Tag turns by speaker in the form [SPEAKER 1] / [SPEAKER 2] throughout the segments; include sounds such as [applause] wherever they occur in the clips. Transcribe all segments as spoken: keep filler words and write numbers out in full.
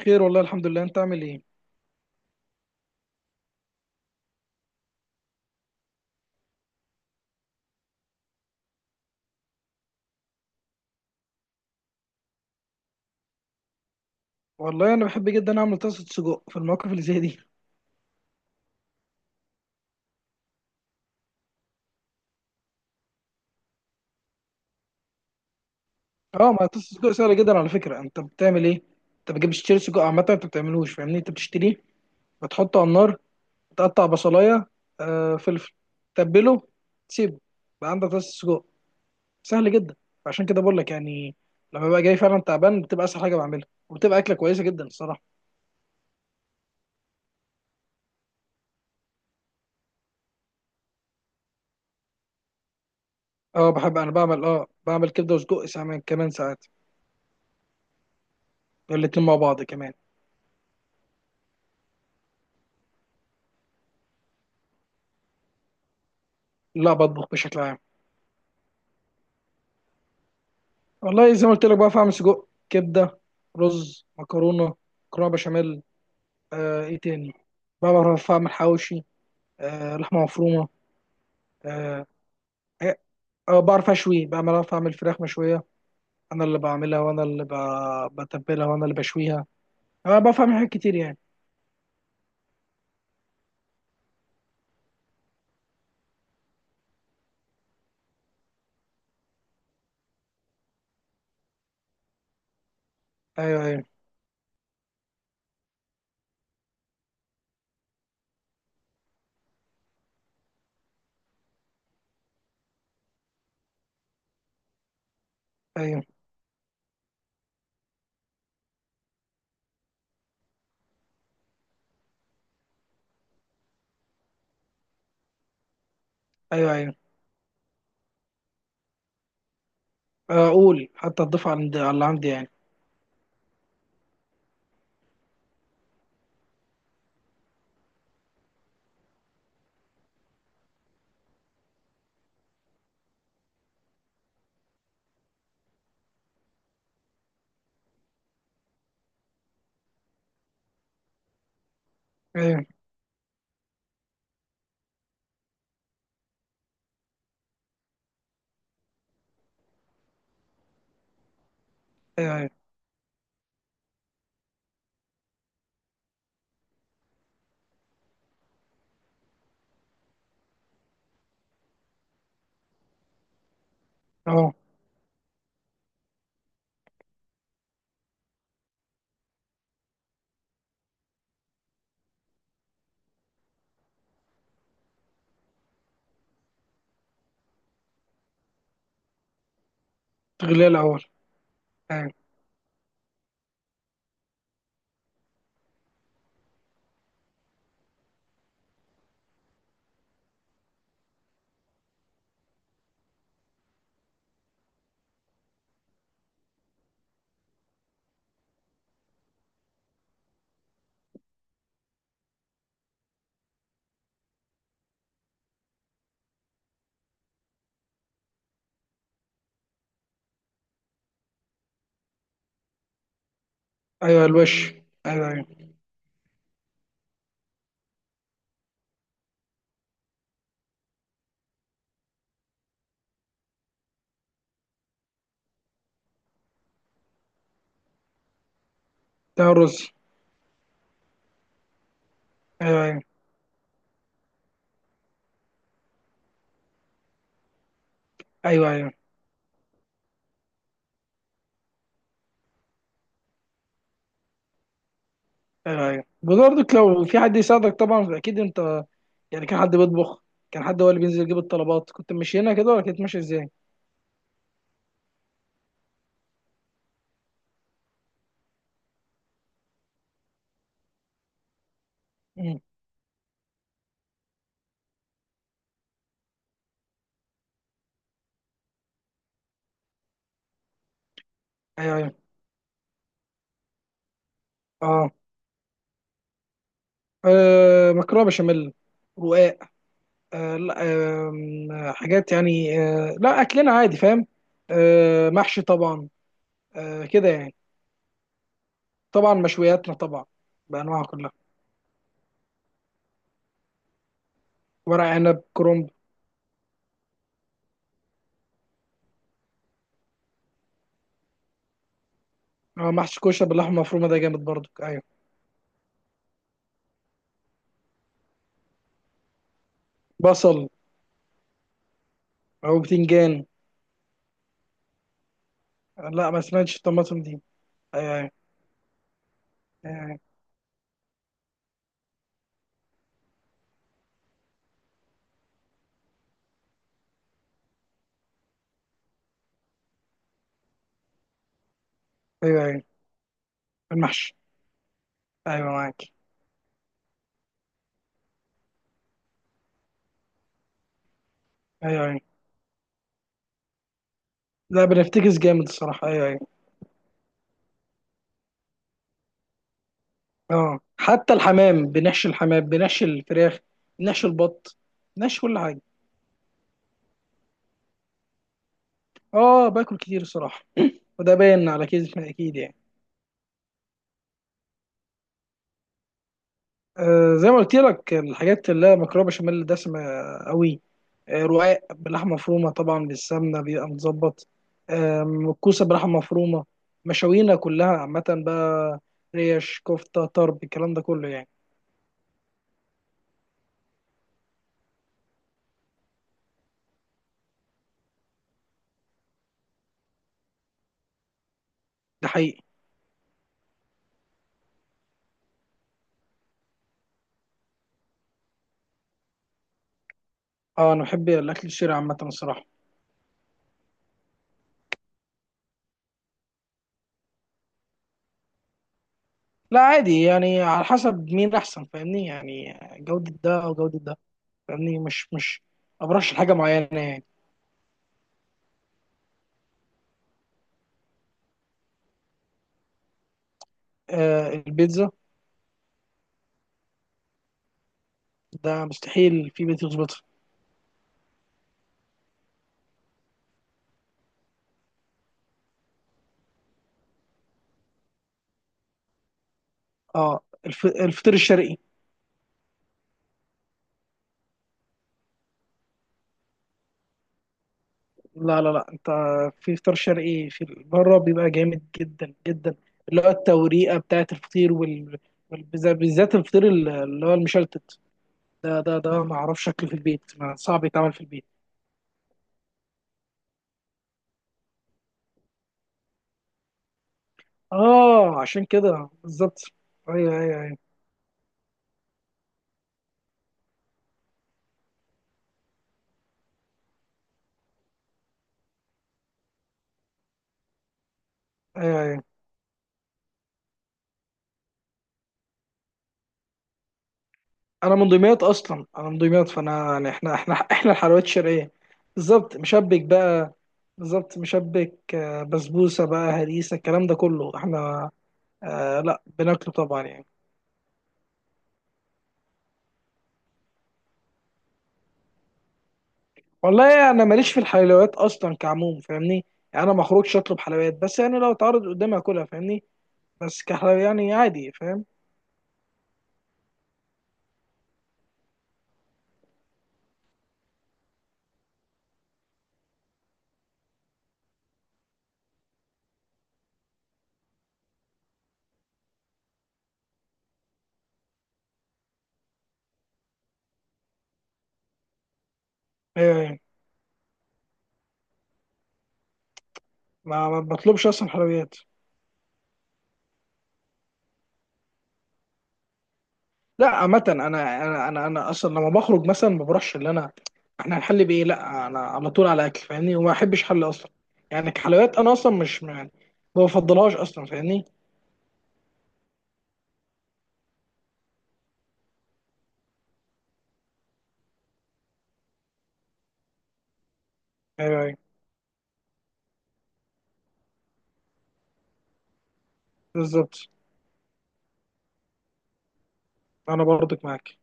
[SPEAKER 1] خير والله، الحمد لله. انت عامل ايه؟ والله انا بحب جدا اعمل طاسه سجق في المواقف اللي زي دي. اه، ما طاسه سجق سهله جدا على فكره. انت بتعمل ايه؟ انت بتجيب تشتري سجق عامه، انت بتعملوش؟ فاهمني؟ انت بتشتريه، بتحطه على النار، تقطع بصلايه، آه فلفل، تبله، تسيبه، بقى عندك طاسه سجق. سهل جدا. عشان كده بقول لك يعني، لما ببقى جاي فعلا تعبان بتبقى اسهل حاجه بعملها، وبتبقى اكله كويسه جدا الصراحه. اه، بحب انا بعمل اه بعمل كبده وسجق، ساعات كمان ساعات. الاتنين مع بعض كمان. لا، بطبخ بشكل عام. والله زي ما قلت لك بقى، فاهم، سجق، كبده، رز، مكرونه، مكرونه بشاميل. آه ايه تاني؟ بقى بعرف اعمل حواوشي، آه لحمه مفرومه. آه إيه، آه، بعرف اشوي، بقى بعرف اعمل فراخ مشويه. انا اللي بعملها، وانا اللي ب- بتبلها، وانا اللي بشويها. انا بعرف اعمل حاجات كتير يعني. ايوه ايوه ايوه ايوه ايوه. آه، اقول حتى اضيف على عند- على اللي عندي يعني. ايوه ايوه ايوه. اه، تغليه الاول. ايوه ايوه الوش. ايوه ايوه ده الرز. ايوه ايوه ايوه ايوه ايوه برضك، لو في حد يساعدك طبعا اكيد. انت يعني كان حد بيطبخ؟ كان حد هو اللي بينزل يجيب الطلبات؟ كنت ماشي هنا كده ولا كنت ماشي ازاي؟ مم. ايوه ايوه. اه، آه مكرونه بشاميل، رقاق. آه لا آه حاجات يعني، آه لا اكلنا عادي، فاهم؟ آه محشي طبعا، آه كده يعني. طبعا مشوياتنا طبعا بانواعها كلها. ورق عنب، كرنب. آه محشي كوشه باللحمه المفرومه، ده جامد برضك. ايوه، بصل او بتنجان. آه لا، ما سمعتش الطماطم دي. ايوه ايوه. أيوة. ايوه ايوه المحشي. ايوه معاك. ايوه ايوه. لا، بنفتكس جامد الصراحه. ايوه ايوه. اه، حتى الحمام بنحشي، الحمام بنحشي الفراخ، بنحشي البط، بنحشي كل حاجه. اه، باكل كتير الصراحه. وده باين على كيزي [laughs] اكيد يعني. آه زي ما قلت لك، الحاجات اللي هي مكرونه بشاميل دسمه قوي. آه رقاق بلحمه مفرومه، طبعا بالسمنه بيبقى متظبط. آم، الكوسه بلحمه مفرومه. مشاوينا كلها عامه بقى، ريش، كفته، طرب، الكلام ده كله يعني. ده حقيقي. اه، انا بحب الاكل الشرقي عامه الصراحه. لا عادي يعني، على حسب مين احسن، فاهمني؟ يعني جوده ده او جوده ده، فاهمني؟ مش مش ما برشح حاجه معينه يعني. آه البيتزا، ده مستحيل في بيت يظبطها. اه، الف... الفطير الشرقي، لا لا لا، انت في فطار شرقي في بره بيبقى جامد جدا جدا اللي هو التوريقه بتاعت الفطير وال... وال... بالذات الفطير اللي هو المشلتت، ده ده ده ما اعرفش شكله في البيت، ما صعب يتعمل في البيت. اه، عشان كده بالظبط. ايوه ايوه ايوه ايوه ايوه. انا من دمياط اصلا، انا من دمياط، فانا يعني احنا احنا احنا الحلويات الشرقيه. بالظبط، مشبك بقى. بالظبط مشبك، آه، بسبوسه بقى، هريسه، الكلام ده كله احنا آه لا بناكله طبعا يعني. والله يعني انا ماليش في الحلويات اصلا كعموم، فاهمني؟ يعني انا ما اخرجش اطلب حلويات، بس يعني لو اتعرض قدامي اكلها، فاهمني؟ بس كحلويات يعني عادي، فاهم؟ ايوه ايوه. ما ما بطلبش اصلا حلويات. لا عامة، انا انا انا انا اصلا لما بخرج مثلا ما بروحش. اللي انا احنا هنحل بايه؟ لا، انا على طول على اكل فاهمني، وما احبش حل اصلا. يعني كحلويات انا اصلا مش يعني ما بفضلهاش اصلا، فاهمني؟ ايوه ايوه بالظبط. انا برضك معاك.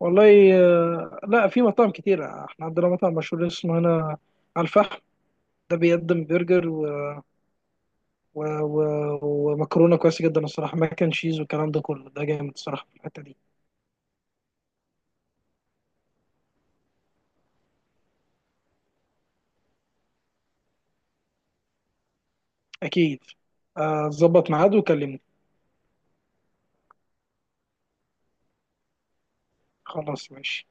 [SPEAKER 1] والله آه، لا، في مطاعم كتيرة. احنا عندنا مطعم مشهور اسمه هنا على الفحم، ده بيقدم برجر و... و... و... ومكرونة كويسة جدا الصراحة، ماك اند تشيز والكلام ده كله، ده جامد الصراحة في الحتة دي. أكيد. آه، ظبط ميعاد وكلمني. خلاص، ماشي.